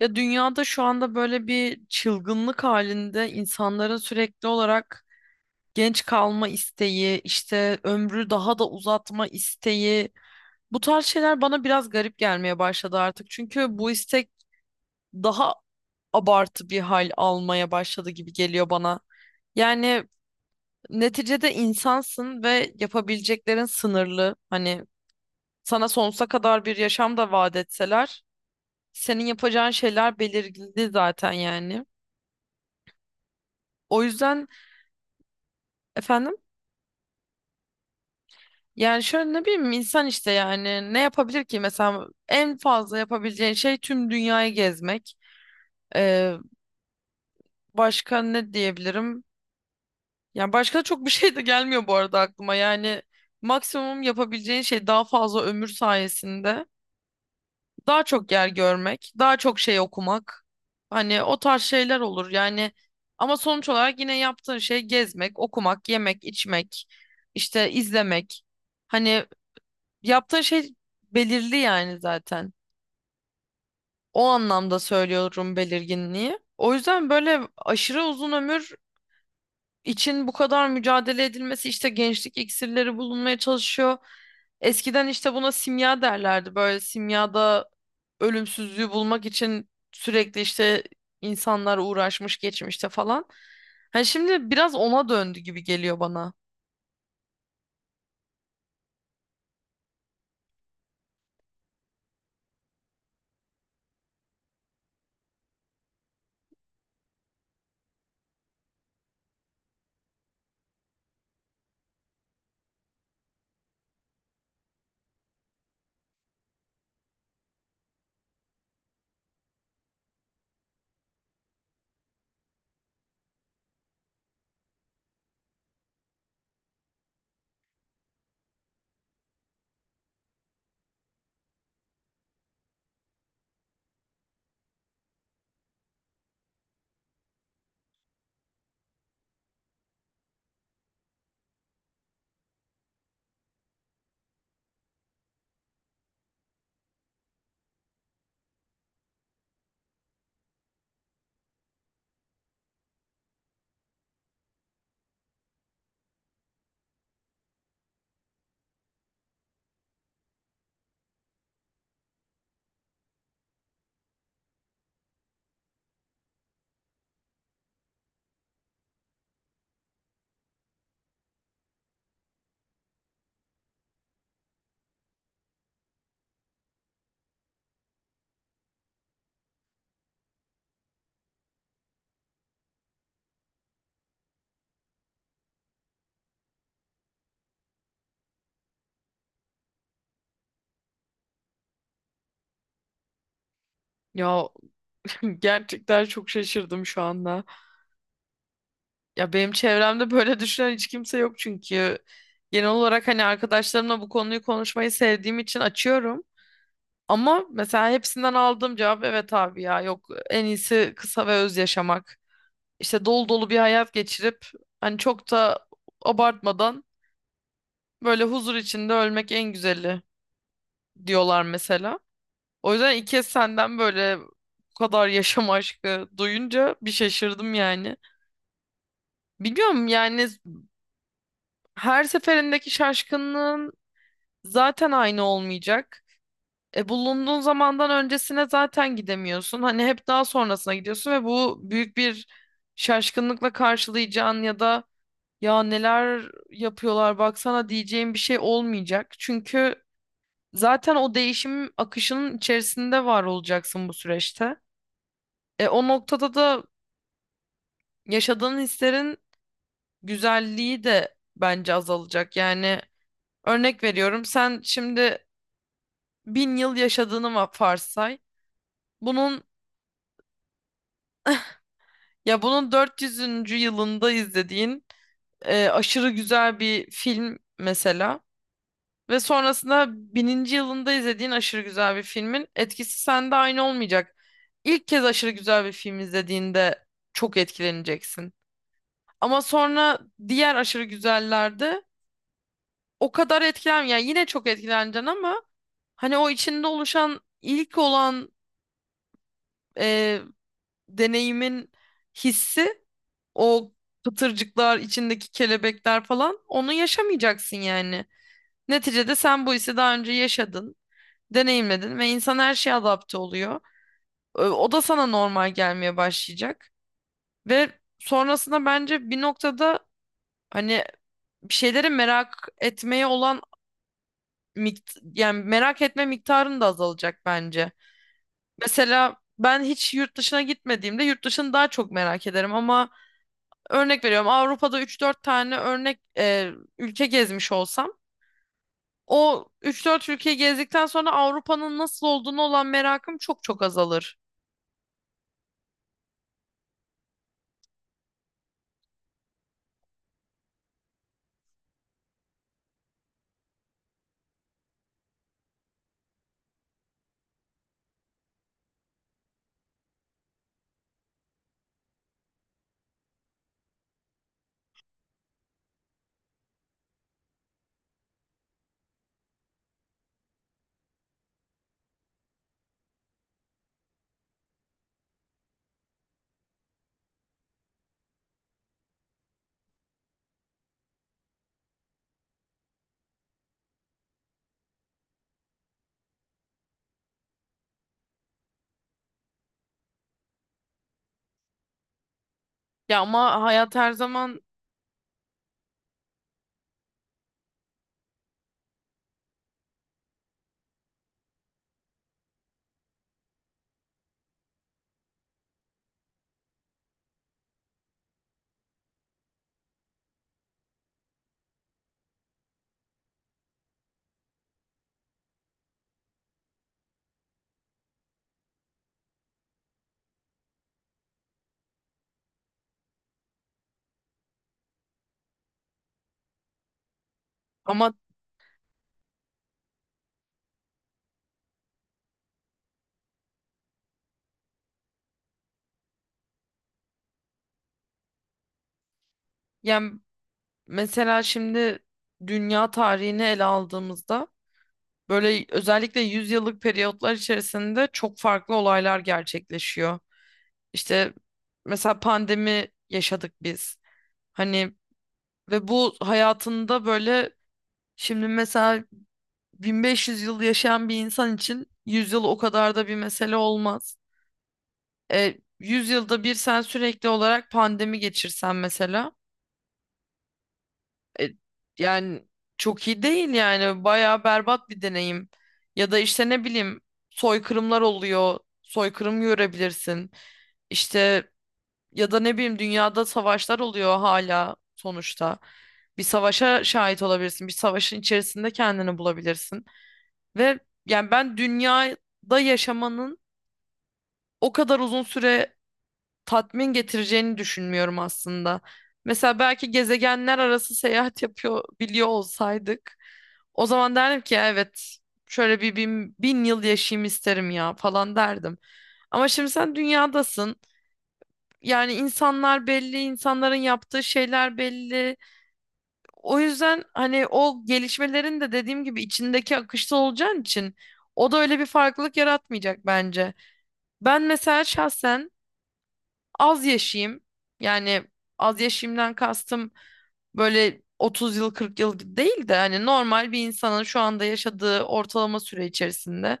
Ya dünyada şu anda böyle bir çılgınlık halinde insanların sürekli olarak genç kalma isteği, işte ömrü daha da uzatma isteği, bu tarz şeyler bana biraz garip gelmeye başladı artık. Çünkü bu istek daha abartı bir hal almaya başladı gibi geliyor bana. Yani neticede insansın ve yapabileceklerin sınırlı. Hani sana sonsuza kadar bir yaşam da vaat etseler, senin yapacağın şeyler belirgindi zaten yani. O yüzden efendim? Yani şöyle ne bileyim insan işte yani ne yapabilir ki mesela en fazla yapabileceğin şey tüm dünyayı gezmek. Ee, Başka ne diyebilirim? Yani başka da çok bir şey de gelmiyor bu arada aklıma. Yani maksimum yapabileceğin şey daha fazla ömür sayesinde daha çok yer görmek, daha çok şey okumak. Hani o tarz şeyler olur yani, ama sonuç olarak yine yaptığın şey gezmek, okumak, yemek, içmek, işte izlemek. Hani yaptığın şey belirli yani zaten. O anlamda söylüyorum belirginliği. O yüzden böyle aşırı uzun ömür için bu kadar mücadele edilmesi, işte gençlik iksirleri bulunmaya çalışıyor. Eskiden işte buna simya derlerdi. Böyle simyada ölümsüzlüğü bulmak için sürekli işte insanlar uğraşmış geçmişte falan. Hani şimdi biraz ona döndü gibi geliyor bana. Ya, gerçekten çok şaşırdım şu anda. Ya benim çevremde böyle düşünen hiç kimse yok, çünkü genel olarak hani arkadaşlarımla bu konuyu konuşmayı sevdiğim için açıyorum. Ama mesela hepsinden aldığım cevap, evet abi ya yok en iyisi kısa ve öz yaşamak. İşte dolu dolu bir hayat geçirip hani çok da abartmadan böyle huzur içinde ölmek en güzeli diyorlar mesela. O yüzden ilk kez senden böyle bu kadar yaşam aşkı duyunca bir şaşırdım yani. Biliyorum yani, her seferindeki şaşkınlığın zaten aynı olmayacak. E, bulunduğun zamandan öncesine zaten gidemiyorsun. Hani hep daha sonrasına gidiyorsun ve bu büyük bir şaşkınlıkla karşılayacağın ya da ya neler yapıyorlar baksana diyeceğin bir şey olmayacak. Çünkü zaten o değişim akışının içerisinde var olacaksın bu süreçte. E, o noktada da yaşadığın hislerin güzelliği de bence azalacak. Yani örnek veriyorum, sen şimdi 1000 yıl yaşadığını varsay. Bunun, ya bunun 400'üncü yılında izlediğin aşırı güzel bir film mesela, ve sonrasında 1000'inci yılında izlediğin aşırı güzel bir filmin etkisi sende aynı olmayacak. İlk kez aşırı güzel bir film izlediğinde çok etkileneceksin. Ama sonra diğer aşırı güzellerde o kadar etkilen yani yine çok etkileneceksin, ama hani o içinde oluşan ilk olan e, deneyimin hissi, o pıtırcıklar, içindeki kelebekler falan onu yaşamayacaksın yani. Neticede sen bu hissi daha önce yaşadın, deneyimledin ve insan her şeye adapte oluyor. O da sana normal gelmeye başlayacak ve sonrasında bence bir noktada hani bir şeyleri merak etmeye olan yani merak etme miktarın da azalacak bence. Mesela ben hiç yurt dışına gitmediğimde yurt dışını daha çok merak ederim, ama örnek veriyorum Avrupa'da 3 4 tane örnek ülke gezmiş olsam, o 3 4 ülkeyi gezdikten sonra Avrupa'nın nasıl olduğunu olan merakım çok çok azalır. Ya ama hayat her zaman, ama yani mesela şimdi dünya tarihini ele aldığımızda böyle özellikle 100 yıllık periyotlar içerisinde çok farklı olaylar gerçekleşiyor. İşte mesela pandemi yaşadık biz. Hani ve bu hayatında böyle, şimdi mesela 1500 yıl yaşayan bir insan için 100 yıl o kadar da bir mesele olmaz. E, 100 yılda bir sen sürekli olarak pandemi geçirsen mesela, e, yani çok iyi değil yani bayağı berbat bir deneyim. Ya da işte ne bileyim, soykırımlar oluyor, soykırım görebilirsin. İşte ya da ne bileyim dünyada savaşlar oluyor hala sonuçta. Bir savaşa şahit olabilirsin, bir savaşın içerisinde kendini bulabilirsin. Ve yani ben dünyada yaşamanın o kadar uzun süre tatmin getireceğini düşünmüyorum aslında. Mesela belki gezegenler arası seyahat yapıyor biliyor olsaydık, o zaman derdim ki evet, şöyle bir bin yıl yaşayayım isterim ya falan derdim. Ama şimdi sen dünyadasın. Yani insanlar belli, insanların yaptığı şeyler belli. O yüzden hani o gelişmelerin de dediğim gibi içindeki akışta olacağın için o da öyle bir farklılık yaratmayacak bence. Ben mesela şahsen az yaşayayım. Yani az yaşayayımdan kastım böyle 30 yıl 40 yıl değil de hani normal bir insanın şu anda yaşadığı ortalama süre içerisinde,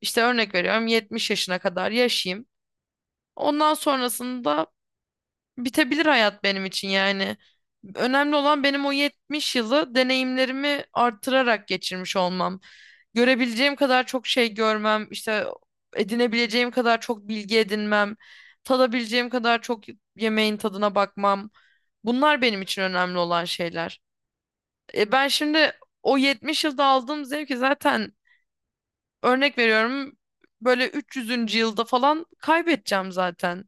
işte örnek veriyorum 70 yaşına kadar yaşayayım. Ondan sonrasında bitebilir hayat benim için yani. Önemli olan benim o 70 yılı deneyimlerimi artırarak geçirmiş olmam. Görebileceğim kadar çok şey görmem, işte edinebileceğim kadar çok bilgi edinmem, tadabileceğim kadar çok yemeğin tadına bakmam. Bunlar benim için önemli olan şeyler. E ben şimdi o 70 yılda aldığım zevki zaten, örnek veriyorum, böyle 300'üncü yılda falan kaybedeceğim zaten,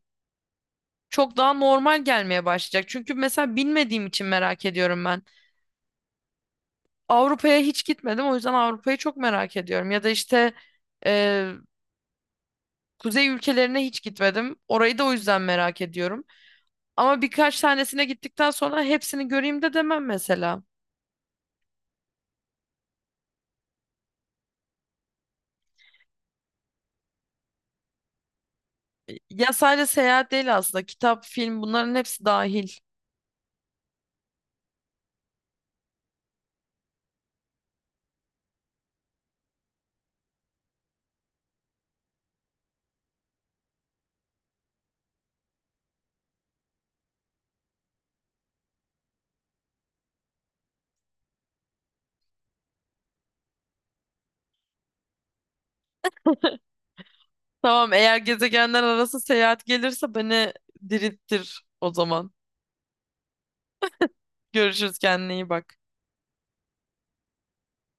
çok daha normal gelmeye başlayacak. Çünkü mesela bilmediğim için merak ediyorum ben. Avrupa'ya hiç gitmedim, o yüzden Avrupa'yı çok merak ediyorum. Ya da işte e, kuzey ülkelerine hiç gitmedim. Orayı da o yüzden merak ediyorum. Ama birkaç tanesine gittikten sonra hepsini göreyim de demem mesela. Ya sadece seyahat değil aslında. Kitap, film, bunların hepsi dahil. Tamam, eğer gezegenler arası seyahat gelirse beni dirilttir o zaman. Görüşürüz, kendine iyi bak.